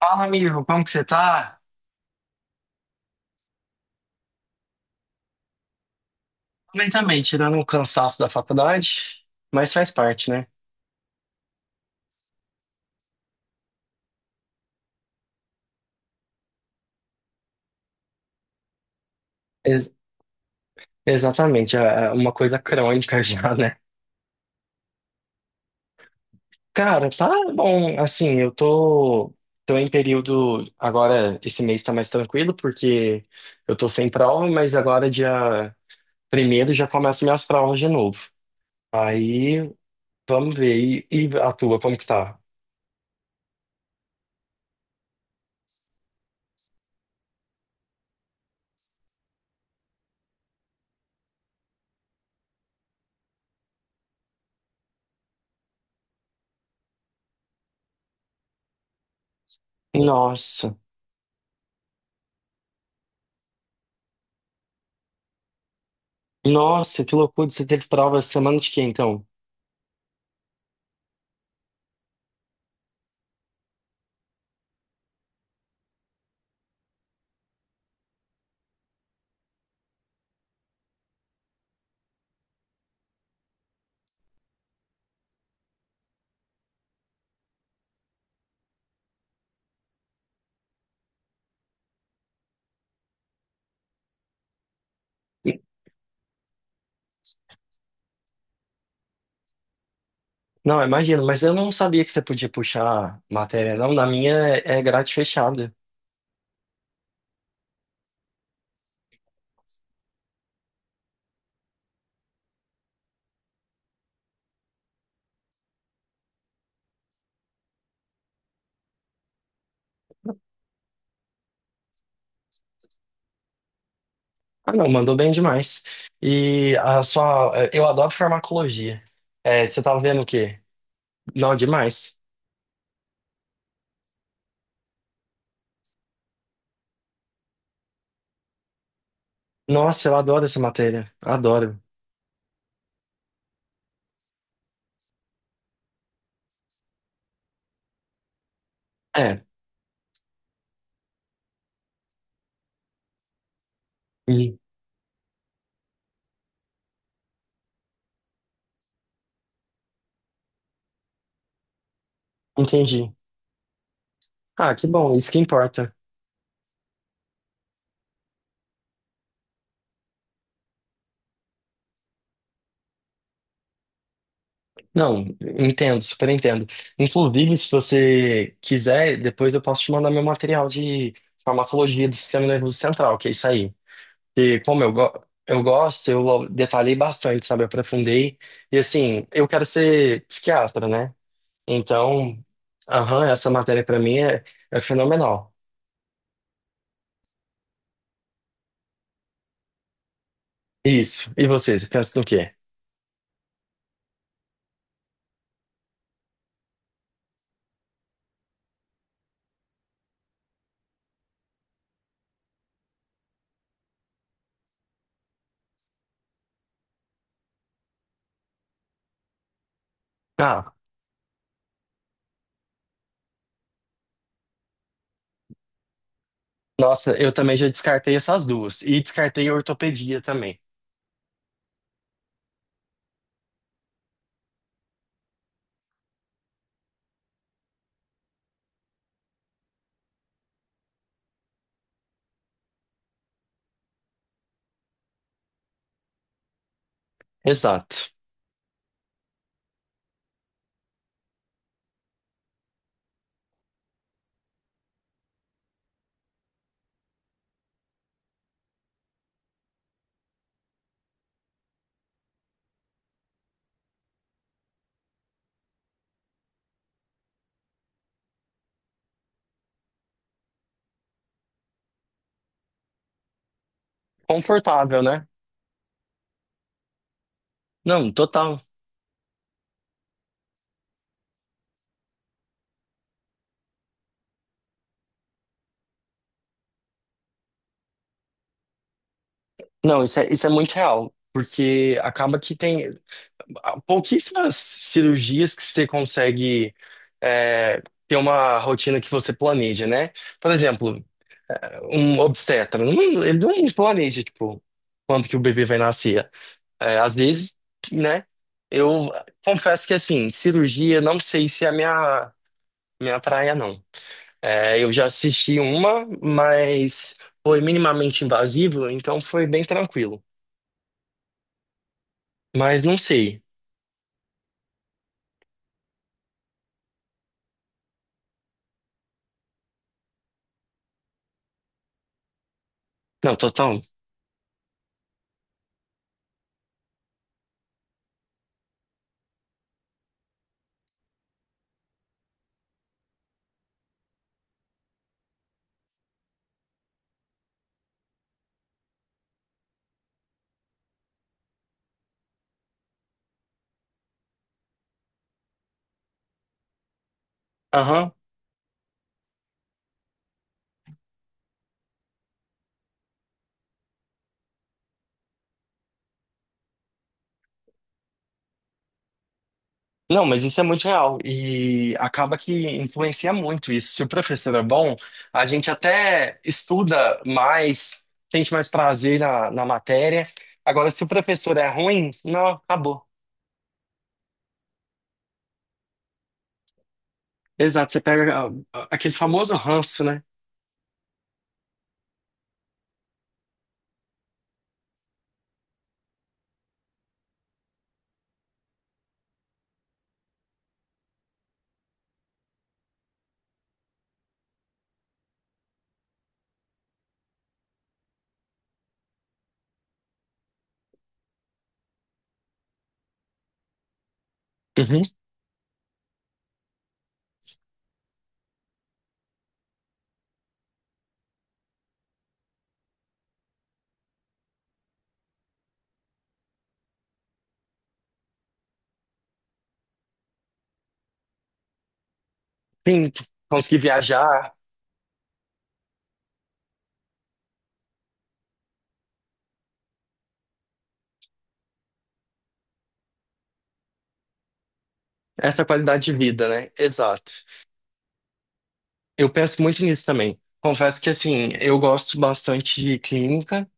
Fala, amigo, como que você tá? Bem também, tirando o cansaço da faculdade, mas faz parte, né? Ex- exatamente, é uma coisa crônica já, né? Cara, tá bom, assim, eu tô em período, agora esse mês tá mais tranquilo, porque eu tô sem prova, mas agora dia primeiro já começam minhas provas de novo. Aí, vamos ver, e a tua, como que tá? Nossa, nossa, que loucura, você teve prova semana de quê, então? Não, imagino, mas eu não sabia que você podia puxar matéria, não. Na minha é grade fechada. Ah, não, mandou bem demais. E a sua. Eu adoro farmacologia. É, você tava vendo o quê? Não, demais. Nossa, eu adoro essa matéria. Adoro. É, en- entendi. Ah, que bom, isso que importa. Não, entendo, super entendo. Inclusive, se você quiser, depois eu posso te mandar meu material de farmacologia do sistema nervoso central, que é isso aí. E como eu, go eu gosto, eu detalhei bastante, sabe? Eu Aprofundei. E assim, eu quero ser psiquiatra, né? Então, aham, essa matéria pra mim é é fenomenal. Isso. E vocês, pensam no quê? Ah, nossa, eu também já descartei essas duas. E descartei a ortopedia também. Exato. Confortável, né? Não, total. Não, isso é muito real. Porque acaba que tem pouquíssimas cirurgias que você consegue é, ter uma rotina que você planeja, né? Por exemplo, um obstetra, ele não planeja, tipo, quando que o bebê vai nascer. É, às vezes, né? Eu confesso que, assim, cirurgia, não sei se é a minha praia, não. É, eu já assisti uma, mas foi minimamente invasivo, então foi bem tranquilo. Mas não sei. Não, total. Não, mas isso é muito real e acaba que influencia muito isso. Se o professor é bom, a gente até estuda mais, sente mais prazer na matéria. Agora, se o professor é ruim, não, acabou. Exato, você pega aquele famoso ranço, né? Uhum. Sim, conseguir viajar, essa qualidade de vida, né? Exato. Eu penso muito nisso também. Confesso que, assim, eu gosto bastante de clínica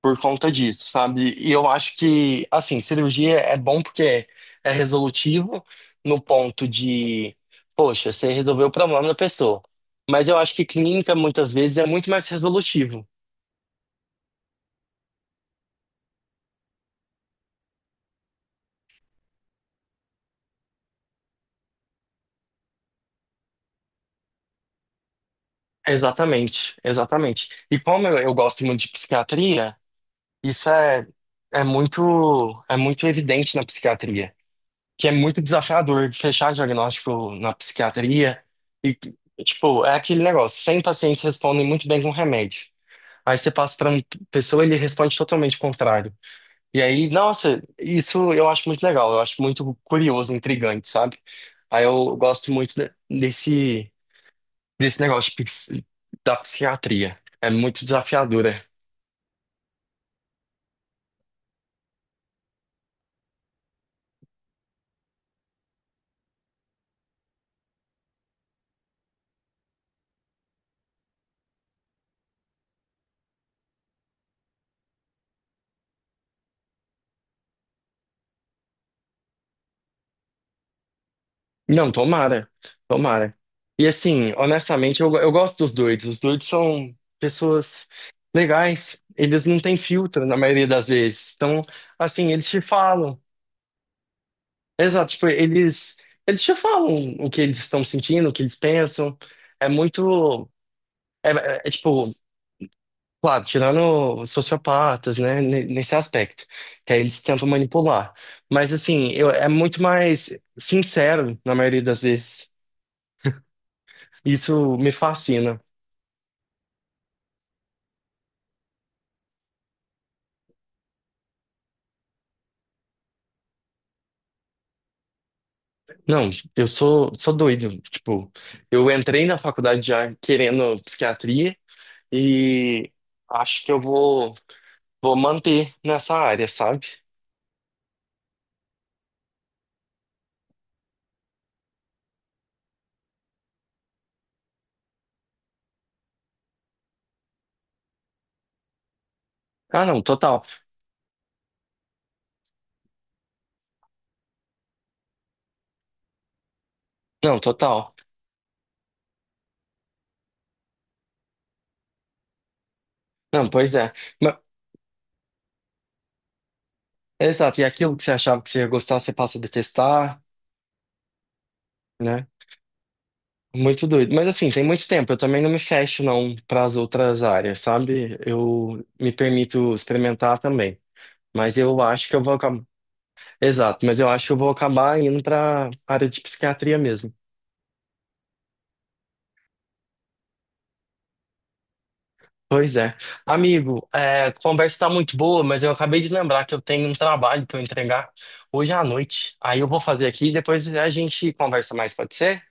por conta disso, sabe? E eu acho que, assim, cirurgia é bom porque é resolutivo no ponto de, poxa, você resolveu o problema da pessoa. Mas eu acho que clínica, muitas vezes, é muito mais resolutivo. Exatamente, exatamente. E como eu gosto muito de psiquiatria, isso é, é muito evidente na psiquiatria, que é muito desafiador de fechar diagnóstico na psiquiatria e, tipo, é aquele negócio, 100 pacientes respondem muito bem com remédio. Aí você passa pra uma pessoa, ele responde totalmente o contrário. E aí, nossa, isso eu acho muito legal, eu acho muito curioso, intrigante, sabe? Aí eu gosto muito desse negócio da psiquiatria. É muito desafiadora. Não, tomara, tomara. E assim, honestamente, eu gosto dos doidos. Os doidos são pessoas legais, eles não têm filtro na maioria das vezes. Então, assim, eles te falam. Exato, tipo, eles já falam o que eles estão sentindo, o que eles pensam. É muito. É, tipo, claro, tirando sociopatas, né, nesse aspecto, que aí eles tentam manipular. Mas, assim, eu, é muito mais sincero, na maioria das vezes. Isso me fascina. Não, eu sou doido. Tipo, eu entrei na faculdade já querendo psiquiatria e acho que eu vou manter nessa área, sabe? Ah, não, total. Não, total. Não, pois é. Ma- exato, e aquilo que você achava que você ia gostar, você passa a detestar, né? Muito doido. Mas assim, tem muito tempo. Eu também não me fecho, não, para as outras áreas, sabe? Eu me permito experimentar também. Mas eu acho que eu vou acabar. Exato, mas eu acho que eu vou acabar indo para área de psiquiatria mesmo. Pois é. Amigo, é, a conversa tá muito boa, mas eu acabei de lembrar que eu tenho um trabalho para entregar hoje à noite. Aí eu vou fazer aqui e depois a gente conversa mais, pode ser?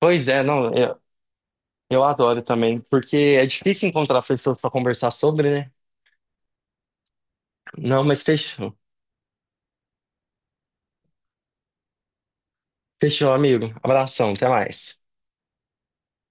Pois é, não, eu adoro também, porque é difícil encontrar pessoas para conversar sobre, né? Não, mas fechou. Fechou, amigo. Abração, até mais.